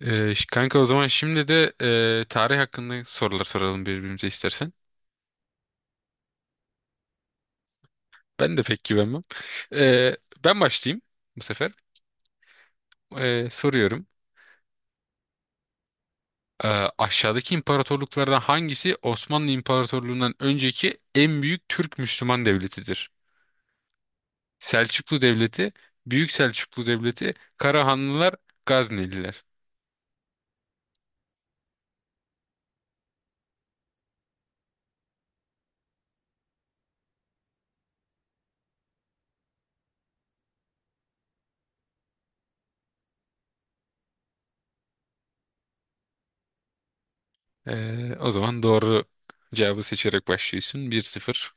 Kanka, o zaman şimdi de tarih hakkında sorular soralım birbirimize istersen. Ben de pek güvenmem. Ee, Ben başlayayım bu sefer. Soruyorum. Ee, Aşağıdaki imparatorluklardan hangisi Osmanlı İmparatorluğu'ndan önceki en büyük Türk Müslüman devletidir? Selçuklu Devleti, Büyük Selçuklu Devleti, Karahanlılar, Gazneliler. O zaman doğru cevabı seçerek başlıyorsun. 1-0.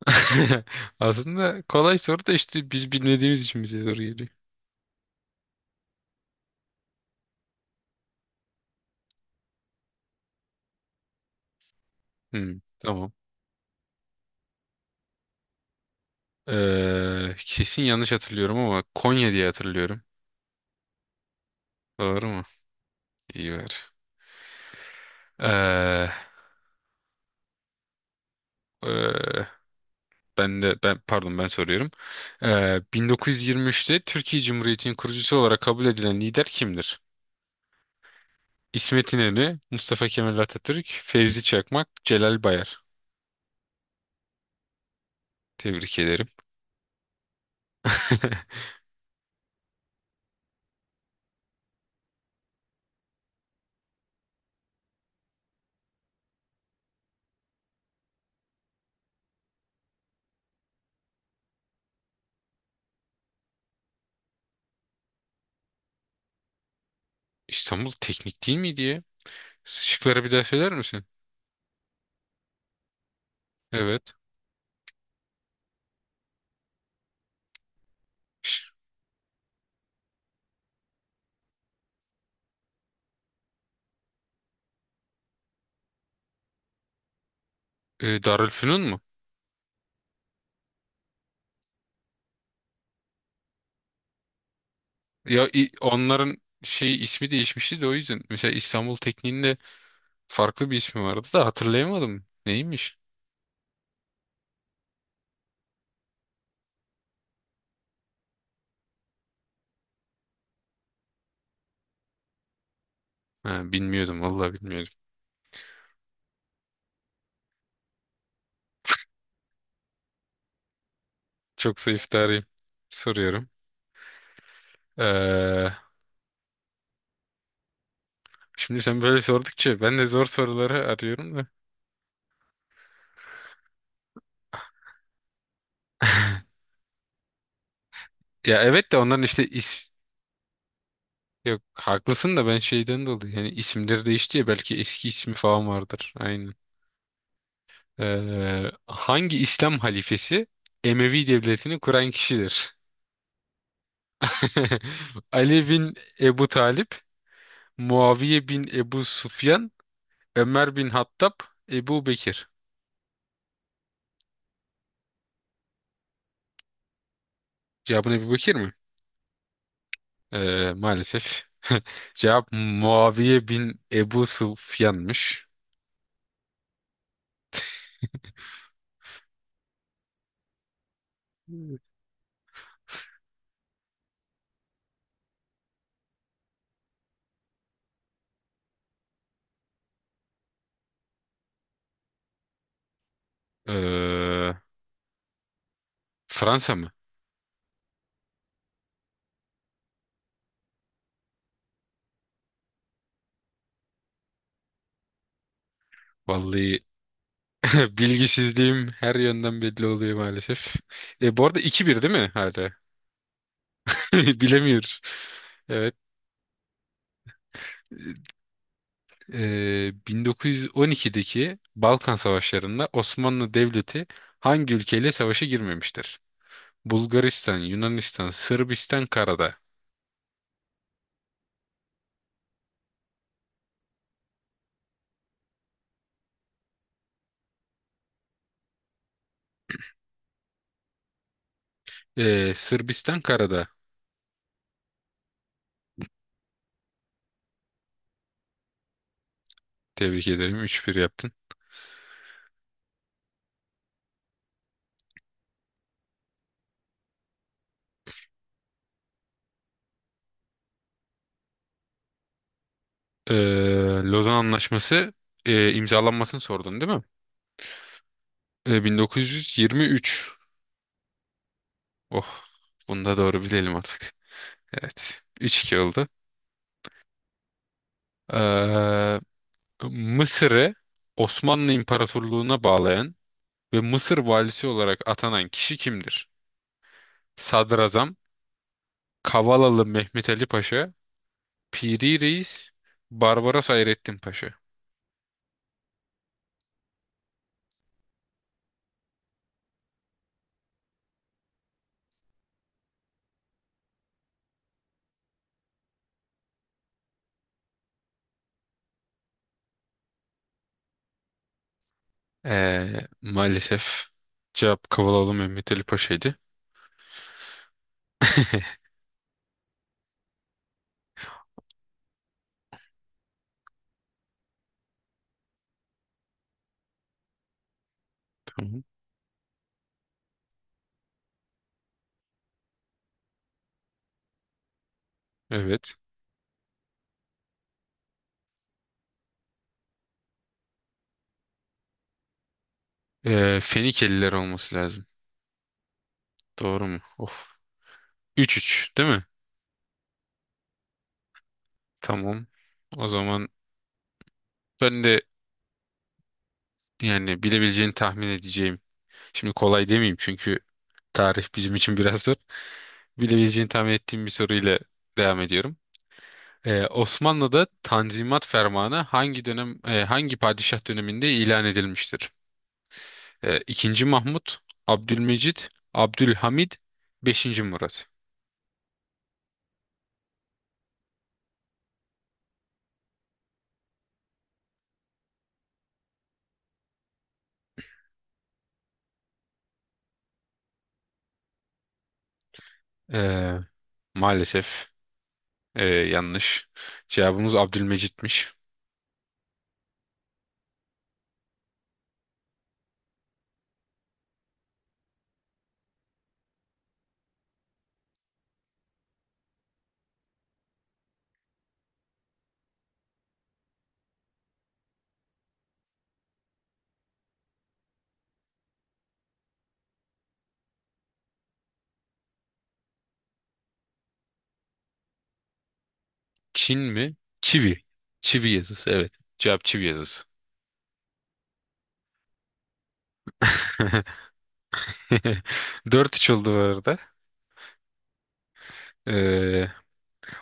Aslında kolay soru da işte biz bilmediğimiz için bize zor geliyor. Hmm, tamam. Kesin yanlış hatırlıyorum ama Konya diye hatırlıyorum. Doğru mu? İyi ver. Ee, e, ben de ben pardon ben soruyorum. 1923'te Türkiye Cumhuriyeti'nin kurucusu olarak kabul edilen lider kimdir? İsmet İnönü, Mustafa Kemal Atatürk, Fevzi Çakmak, Celal Bayar. Tebrik ederim. İstanbul Teknik değil miydi ya? Şıkları bir daha söyler misin? Evet. Darülfünun mu? Ya, onların şey ismi değişmişti de o yüzden. Mesela İstanbul Tekniğinde farklı bir ismi vardı da hatırlayamadım. Neymiş? Ha, bilmiyordum, vallahi bilmiyordum. Çok zayıf tarihim. Soruyorum. Ee, Şimdi sen böyle sordukça ben de zor soruları arıyorum da. Ya evet de onların işte is Yok, haklısın da ben şeyden dolayı, yani isimleri değişti ya, belki eski ismi falan vardır. Aynen. Hangi İslam halifesi Emevi devletini kuran kişidir? Ali bin Ebu Talip, Muaviye bin Ebu Sufyan, Ömer bin Hattab, Ebu Bekir. Cevabın Ebu Bekir mi? Maalesef. Cevap Muaviye bin Ebu Sufyan'mış. Ee, Fransa mı? Vallahi bilgisizliğim her yönden belli oluyor maalesef. Bu arada iki bir değil mi hala? Bilemiyoruz. Evet. 1912'deki Balkan Savaşları'nda Osmanlı Devleti hangi ülkeyle savaşa girmemiştir? Bulgaristan, Yunanistan, Sırbistan, Karadağ. Sırbistan, Karadağ. Tebrik ederim. 3-1 yaptın. Ee, Lozan Anlaşması imzalanmasını sordun değil mi? 1923. Oh, bunu da doğru bilelim artık. Evet. Üç 2 oldu. Ee, Mısır'ı Osmanlı İmparatorluğu'na bağlayan ve Mısır valisi olarak atanan kişi kimdir? Sadrazam, Kavalalı Mehmet Ali Paşa, Piri Reis, Barbaros Hayrettin Paşa. Maalesef cevap Kavalalı Mehmet Ali Paşa'ydı. Tamam. Evet. Fenikeliler olması lazım. Doğru mu? Of. 3-3 değil mi? Tamam. O zaman ben de, yani, bilebileceğini tahmin edeceğim. Şimdi kolay demeyeyim çünkü tarih bizim için biraz zor. Bilebileceğini tahmin ettiğim bir soruyla devam ediyorum. Osmanlı'da Tanzimat Fermanı hangi padişah döneminde ilan edilmiştir? İkinci Mahmut, Abdülmecit, Abdülhamid, Beşinci Murat. Ee, Maalesef yanlış. Cevabımız Abdülmecit'miş. Çin mi? Çivi. Çivi yazısı, evet. Cevap çivi yazısı. Dört 3 oldu bu arada. Ee,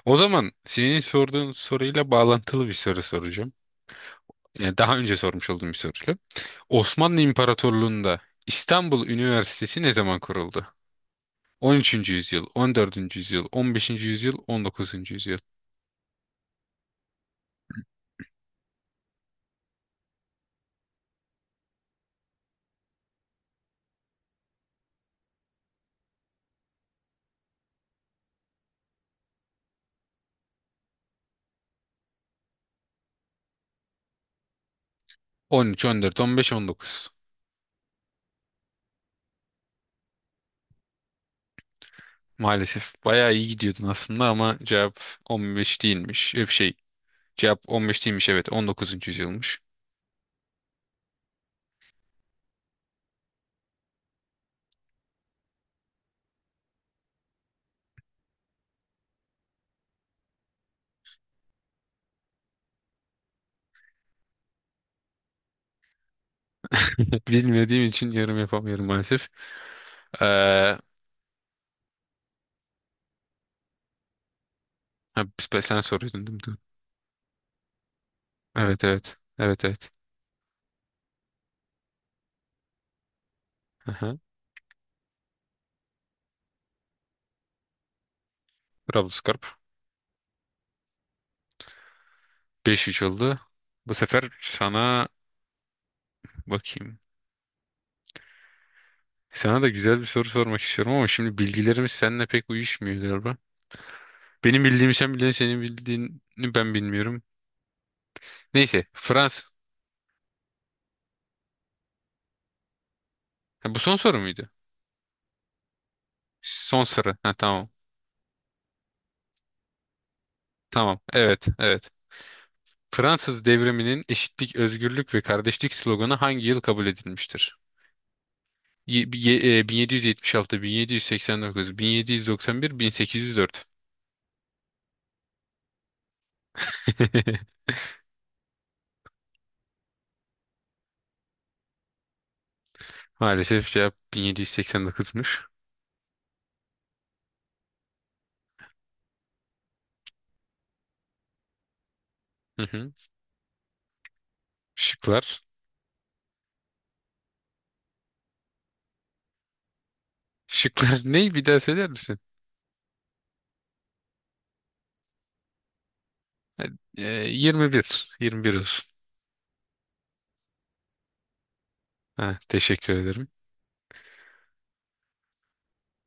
O zaman senin sorduğun soruyla bağlantılı bir soru soracağım. Yani, daha önce sormuş olduğum bir soru. Osmanlı İmparatorluğu'nda İstanbul Üniversitesi ne zaman kuruldu? 13. yüzyıl, 14. yüzyıl, 15. yüzyıl, 19. yüzyıl. 13, 14, 15, 19. Maalesef bayağı iyi gidiyordun aslında ama cevap 15 değilmiş. Hep şey, cevap 15 değilmiş, evet 19. yüzyılmış. Bilmediğim için yorum yapamıyorum maalesef. Ha, sen soruyordun değil mi? Evet, evet. Evet, evet. Aha. Trablusgarp. Beş 3 oldu. Bu sefer sana bakayım. Sana da güzel bir soru sormak istiyorum ama şimdi bilgilerimiz seninle pek uyuşmuyor galiba. Benim bildiğimi sen biliyorsun, senin bildiğini ben bilmiyorum. Neyse, Fransız. Bu son soru muydu? Son soru. Ha, tamam. Tamam. Evet, evet. Fransız devriminin eşitlik, özgürlük ve kardeşlik sloganı hangi yıl kabul edilmiştir? 1776, 1789, 1791, 1804. Maalesef cevap 1789'muş. Şıklar. Şıklar ne? Bir daha söyler misin? Ha, E, 21. 21 olsun. Ha, teşekkür ederim.